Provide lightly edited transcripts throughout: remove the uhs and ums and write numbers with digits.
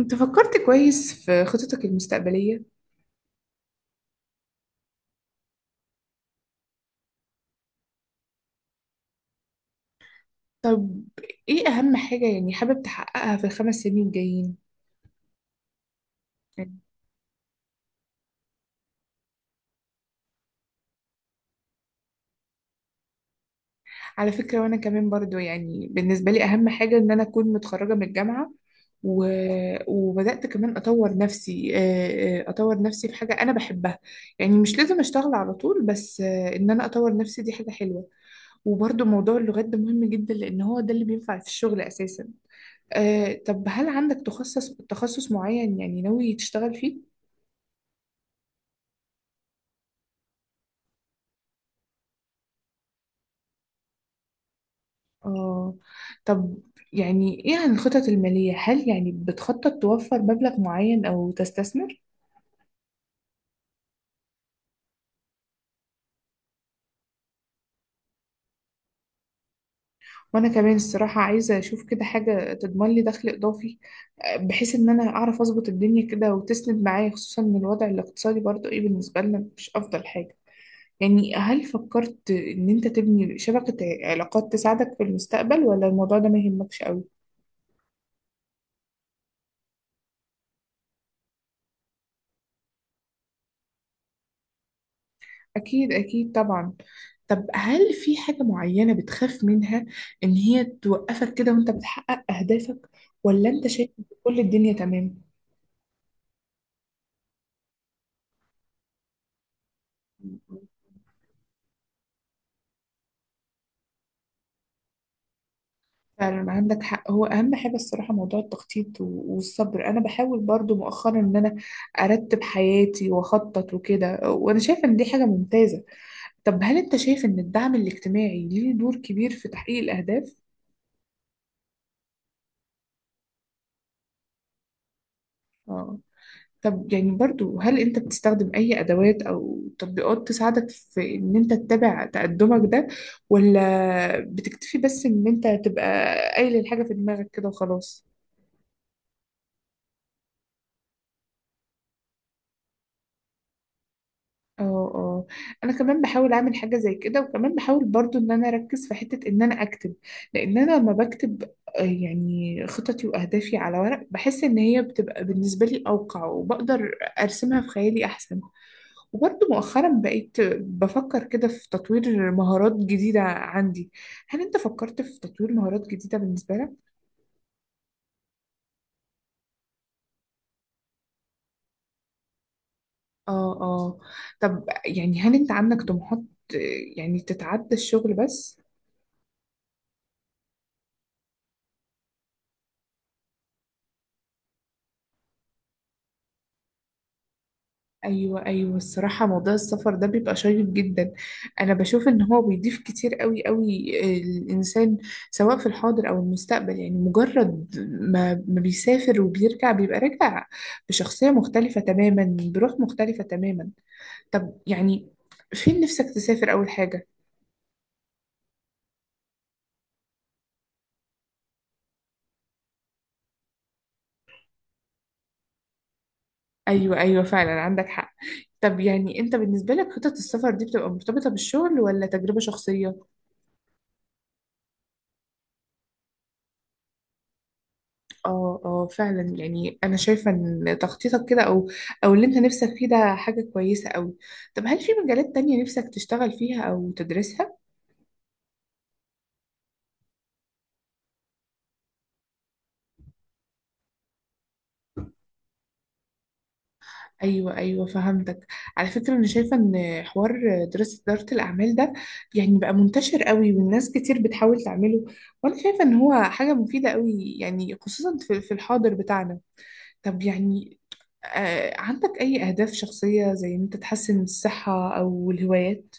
انت فكرت كويس في خططك المستقبلية؟ طب، ايه اهم حاجة يعني حابب تحققها في ال5 سنين الجايين؟ على فكرة، وانا كمان برضو يعني بالنسبة لي اهم حاجة ان انا اكون متخرجة من الجامعة و... وبدأت كمان اطور نفسي اطور نفسي في حاجة انا بحبها. يعني مش لازم اشتغل على طول، بس ان انا اطور نفسي دي حاجة حلوة. وبرضو موضوع اللغات ده مهم جدا لان هو ده اللي بينفع في الشغل اساسا. طب، هل عندك تخصص معين يعني ناوي تشتغل فيه؟ اه. طب يعني، ايه عن الخطط المالية؟ هل يعني بتخطط توفر مبلغ معين او تستثمر؟ وانا كمان الصراحة عايزة اشوف كده حاجة تضمن لي دخل اضافي. بحيث ان انا اعرف اظبط الدنيا كده وتسند معايا، خصوصا ان الوضع الاقتصادي برضو ايه بالنسبة لنا مش افضل حاجة. يعني هل فكرت ان انت تبني شبكة علاقات تساعدك في المستقبل، ولا الموضوع ده ما يهمكش قوي؟ أكيد أكيد طبعا. طب، هل في حاجة معينة بتخاف منها إن هي توقفك كده وأنت بتحقق أهدافك، ولا أنت شايف إن كل الدنيا تمام؟ فعلا عندك حق، هو أهم حاجة الصراحة موضوع التخطيط والصبر. أنا بحاول برضو مؤخرا إن أنا أرتب حياتي وأخطط وكده، وأنا شايفة إن دي حاجة ممتازة. طب، هل أنت شايف إن الدعم الاجتماعي ليه دور كبير في تحقيق الأهداف؟ طب يعني برضو، هل انت بتستخدم اي ادوات او تطبيقات تساعدك في ان انت تتابع تقدمك ده، ولا بتكتفي بس ان انت تبقى قايل الحاجة في دماغك كده وخلاص؟ اه اه. انا كمان بحاول اعمل حاجة زي كده، وكمان بحاول برضو ان انا اركز في حتة ان انا اكتب. لان انا لما بكتب يعني خططي واهدافي على ورق، بحس ان هي بتبقى بالنسبة لي اوقع وبقدر ارسمها في خيالي احسن. وبرضه مؤخرا بقيت بفكر كده في تطوير مهارات جديدة عندي. هل انت فكرت في تطوير مهارات جديدة بالنسبة لك؟ اه اه. طب يعني، هل انت عندك طموحات آه، يعني تتعدى الشغل بس؟ ايوه ايوه، الصراحة موضوع السفر ده بيبقى شيق جدا. انا بشوف ان هو بيضيف كتير قوي قوي الانسان، سواء في الحاضر او المستقبل. يعني مجرد ما بيسافر وبيرجع بيبقى راجع بشخصية مختلفة تماما، بروح مختلفة تماما. طب يعني، فين نفسك تسافر أول حاجة؟ أيوة أيوة، فعلا عندك حق. طب يعني أنت بالنسبة لك خطط السفر دي بتبقى مرتبطة بالشغل ولا تجربة شخصية؟ آه آه، فعلا. يعني أنا شايفة إن تخطيطك كده، أو أو اللي أنت نفسك فيه ده حاجة كويسة أوي. طب، هل في مجالات تانية نفسك تشتغل فيها أو تدرسها؟ ايوه ايوه، فهمتك. على فكره، انا شايفه ان حوار دراسه اداره الاعمال ده يعني بقى منتشر قوي، والناس كتير بتحاول تعمله. وانا شايفه ان هو حاجه مفيده قوي، يعني خصوصا في الحاضر بتاعنا. طب يعني، آه، عندك اي اهداف شخصيه زي ان انت تحسن الصحه او الهوايات؟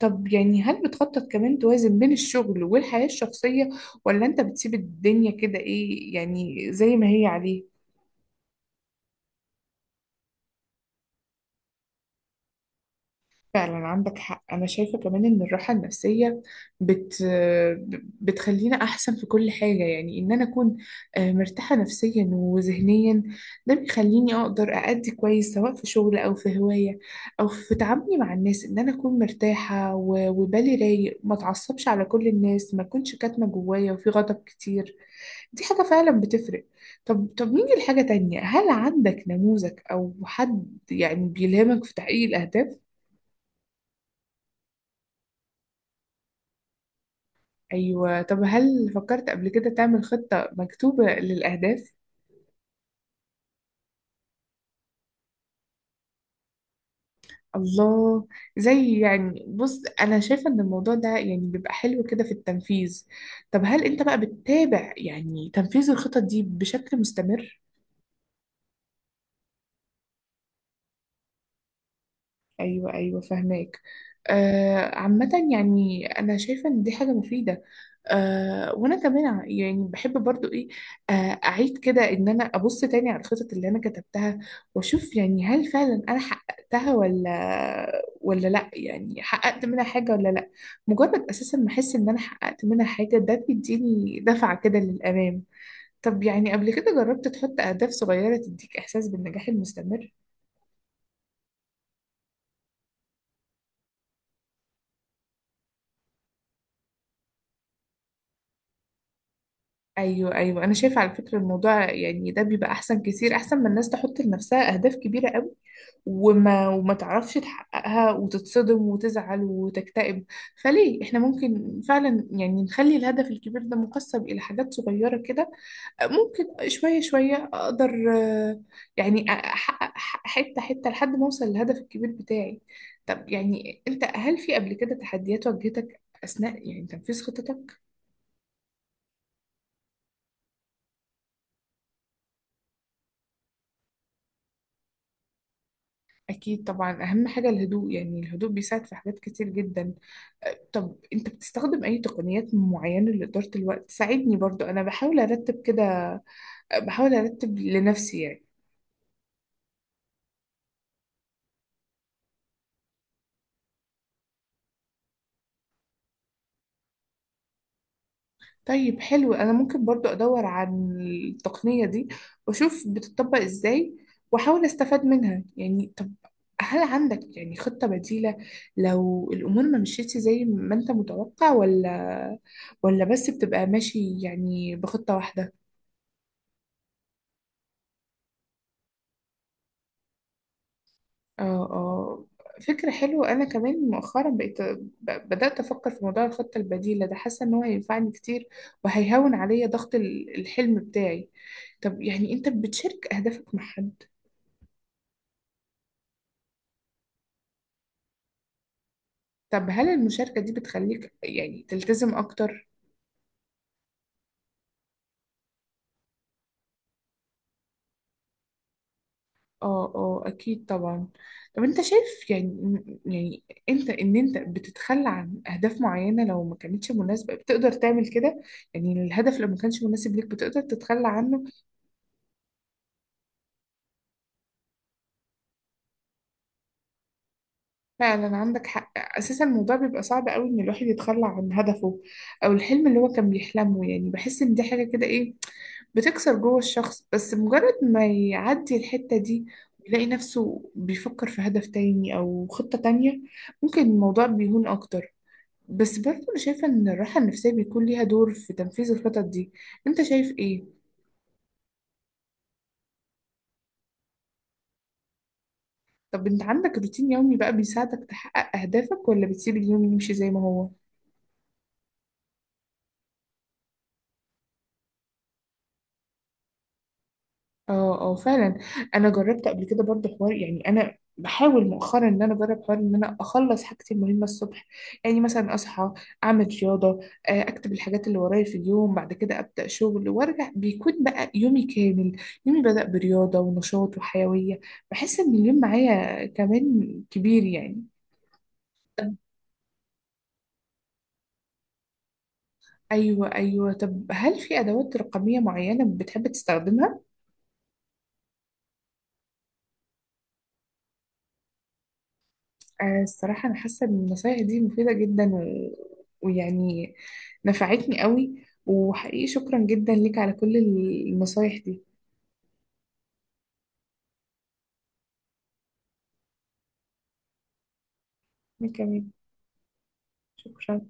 طب يعني، هل بتخطط كمان توازن بين الشغل والحياه الشخصيه، ولا انت بتسيب الدنيا كده ايه يعني زي ما هي عليها؟ فعلا عندك حق، أنا شايفة كمان إن الراحة النفسية بت... بتخلينا أحسن في كل حاجة. يعني إن أنا أكون مرتاحة نفسيا وذهنيا، ده بيخليني أقدر أأدي كويس سواء في شغل أو في هواية أو في تعاملي مع الناس. إن أنا أكون مرتاحة وبالي رايق، ما أتعصبش على كل الناس، ما أكونش كاتمة جوايا وفي غضب كتير. دي حاجة فعلا بتفرق. طب نيجي لحاجة تانية. هل عندك نموذج أو حد يعني بيلهمك في تحقيق الأهداف؟ أيوة، طب هل فكرت قبل كده تعمل خطة مكتوبة للأهداف؟ الله. زي يعني، بص أنا شايفة إن الموضوع ده يعني بيبقى حلو كده في التنفيذ. طب هل أنت بقى بتتابع يعني تنفيذ الخطط دي بشكل مستمر؟ ايوه ايوه، فهماك. آه، عامة يعني انا شايفة ان دي حاجة مفيدة. آه، وانا كمان يعني بحب برضو ايه، آه، اعيد كده ان انا ابص تاني على الخطط اللي انا كتبتها، واشوف يعني هل فعلا انا حققتها ولا لا. يعني حققت منها حاجة ولا لا. مجرد اساسا ما احس ان انا حققت منها حاجة، ده بيديني دفعة كده للامام. طب يعني، قبل كده جربت تحط اهداف صغيرة تديك احساس بالنجاح المستمر؟ ايوه ايوه، انا شايفه على فكره الموضوع يعني ده بيبقى احسن كتير، احسن ما الناس تحط لنفسها اهداف كبيره قوي وما تعرفش تحققها وتتصدم وتزعل وتكتئب. فليه احنا ممكن فعلا يعني نخلي الهدف الكبير ده مقسم الى حاجات صغيره كده، ممكن شويه شويه اقدر آه، يعني احقق حته حته لحد ما اوصل للهدف الكبير بتاعي. طب يعني انت، هل في قبل كده تحديات واجهتك اثناء يعني تنفيذ خطتك؟ أكيد طبعا، أهم حاجة الهدوء، يعني الهدوء بيساعد في حاجات كتير جدا. أه، طب أنت بتستخدم أي تقنيات معينة لإدارة الوقت؟ ساعدني برضو، أنا بحاول أرتب كده، أه، بحاول أرتب لنفسي يعني. طيب، حلو. أنا ممكن برضو أدور عن التقنية دي وأشوف بتطبق إزاي وأحاول أستفاد منها. يعني طب، هل عندك يعني خطة بديلة لو الأمور ما مشيتش زي ما أنت متوقع، ولا بس بتبقى ماشي يعني بخطة واحدة؟ اه اه، فكرة حلوة. أنا كمان مؤخرا بقيت بدأت أفكر في موضوع الخطة البديلة ده، حاسة إن هو هينفعني كتير وهيهون عليا ضغط الحلم بتاعي. طب يعني، أنت بتشارك أهدافك مع حد؟ طب هل المشاركة دي بتخليك يعني تلتزم أكتر؟ اه اه، أكيد طبعا. طب أنت شايف يعني يعني أنت، إن أنت بتتخلى عن أهداف معينة لو ما كانتش مناسبة بتقدر تعمل كده؟ يعني الهدف لو ما كانش مناسب ليك بتقدر تتخلى عنه؟ فعلا عندك حق، اساسا الموضوع بيبقى صعب قوي ان الواحد يتخلى عن هدفه او الحلم اللي هو كان بيحلمه. يعني بحس ان دي حاجه كده ايه بتكسر جوه الشخص، بس مجرد ما يعدي الحته دي ويلاقي نفسه بيفكر في هدف تاني او خطه تانية ممكن الموضوع بيهون اكتر. بس برضه انا شايفه ان الراحه النفسيه بيكون ليها دور في تنفيذ الخطط دي. انت شايف ايه؟ طب انت عندك روتين يومي بقى بيساعدك تحقق اهدافك، ولا بتسيب اليوم يمشي زي ما هو؟ اه اه، فعلا. انا جربت قبل كده برضه حوار، يعني انا بحاول مؤخرا ان انا اجرب حوار ان انا اخلص حاجتي المهمه الصبح. يعني مثلا اصحى اعمل رياضه، اكتب الحاجات اللي ورايا في اليوم، بعد كده ابدا شغل وارجع بيكون بقى يومي كامل. يومي بدا برياضه ونشاط وحيويه، بحس ان اليوم معايا كمان كبير يعني. طب، ايوه ايوه. طب هل في ادوات رقميه معينه بتحب تستخدمها؟ الصراحة أنا حاسة إن النصايح دي مفيدة جدا ويعني نفعتني قوي، وحقيقي شكرا جدا ليك على كل النصايح دي. أنا كمان. شكرا.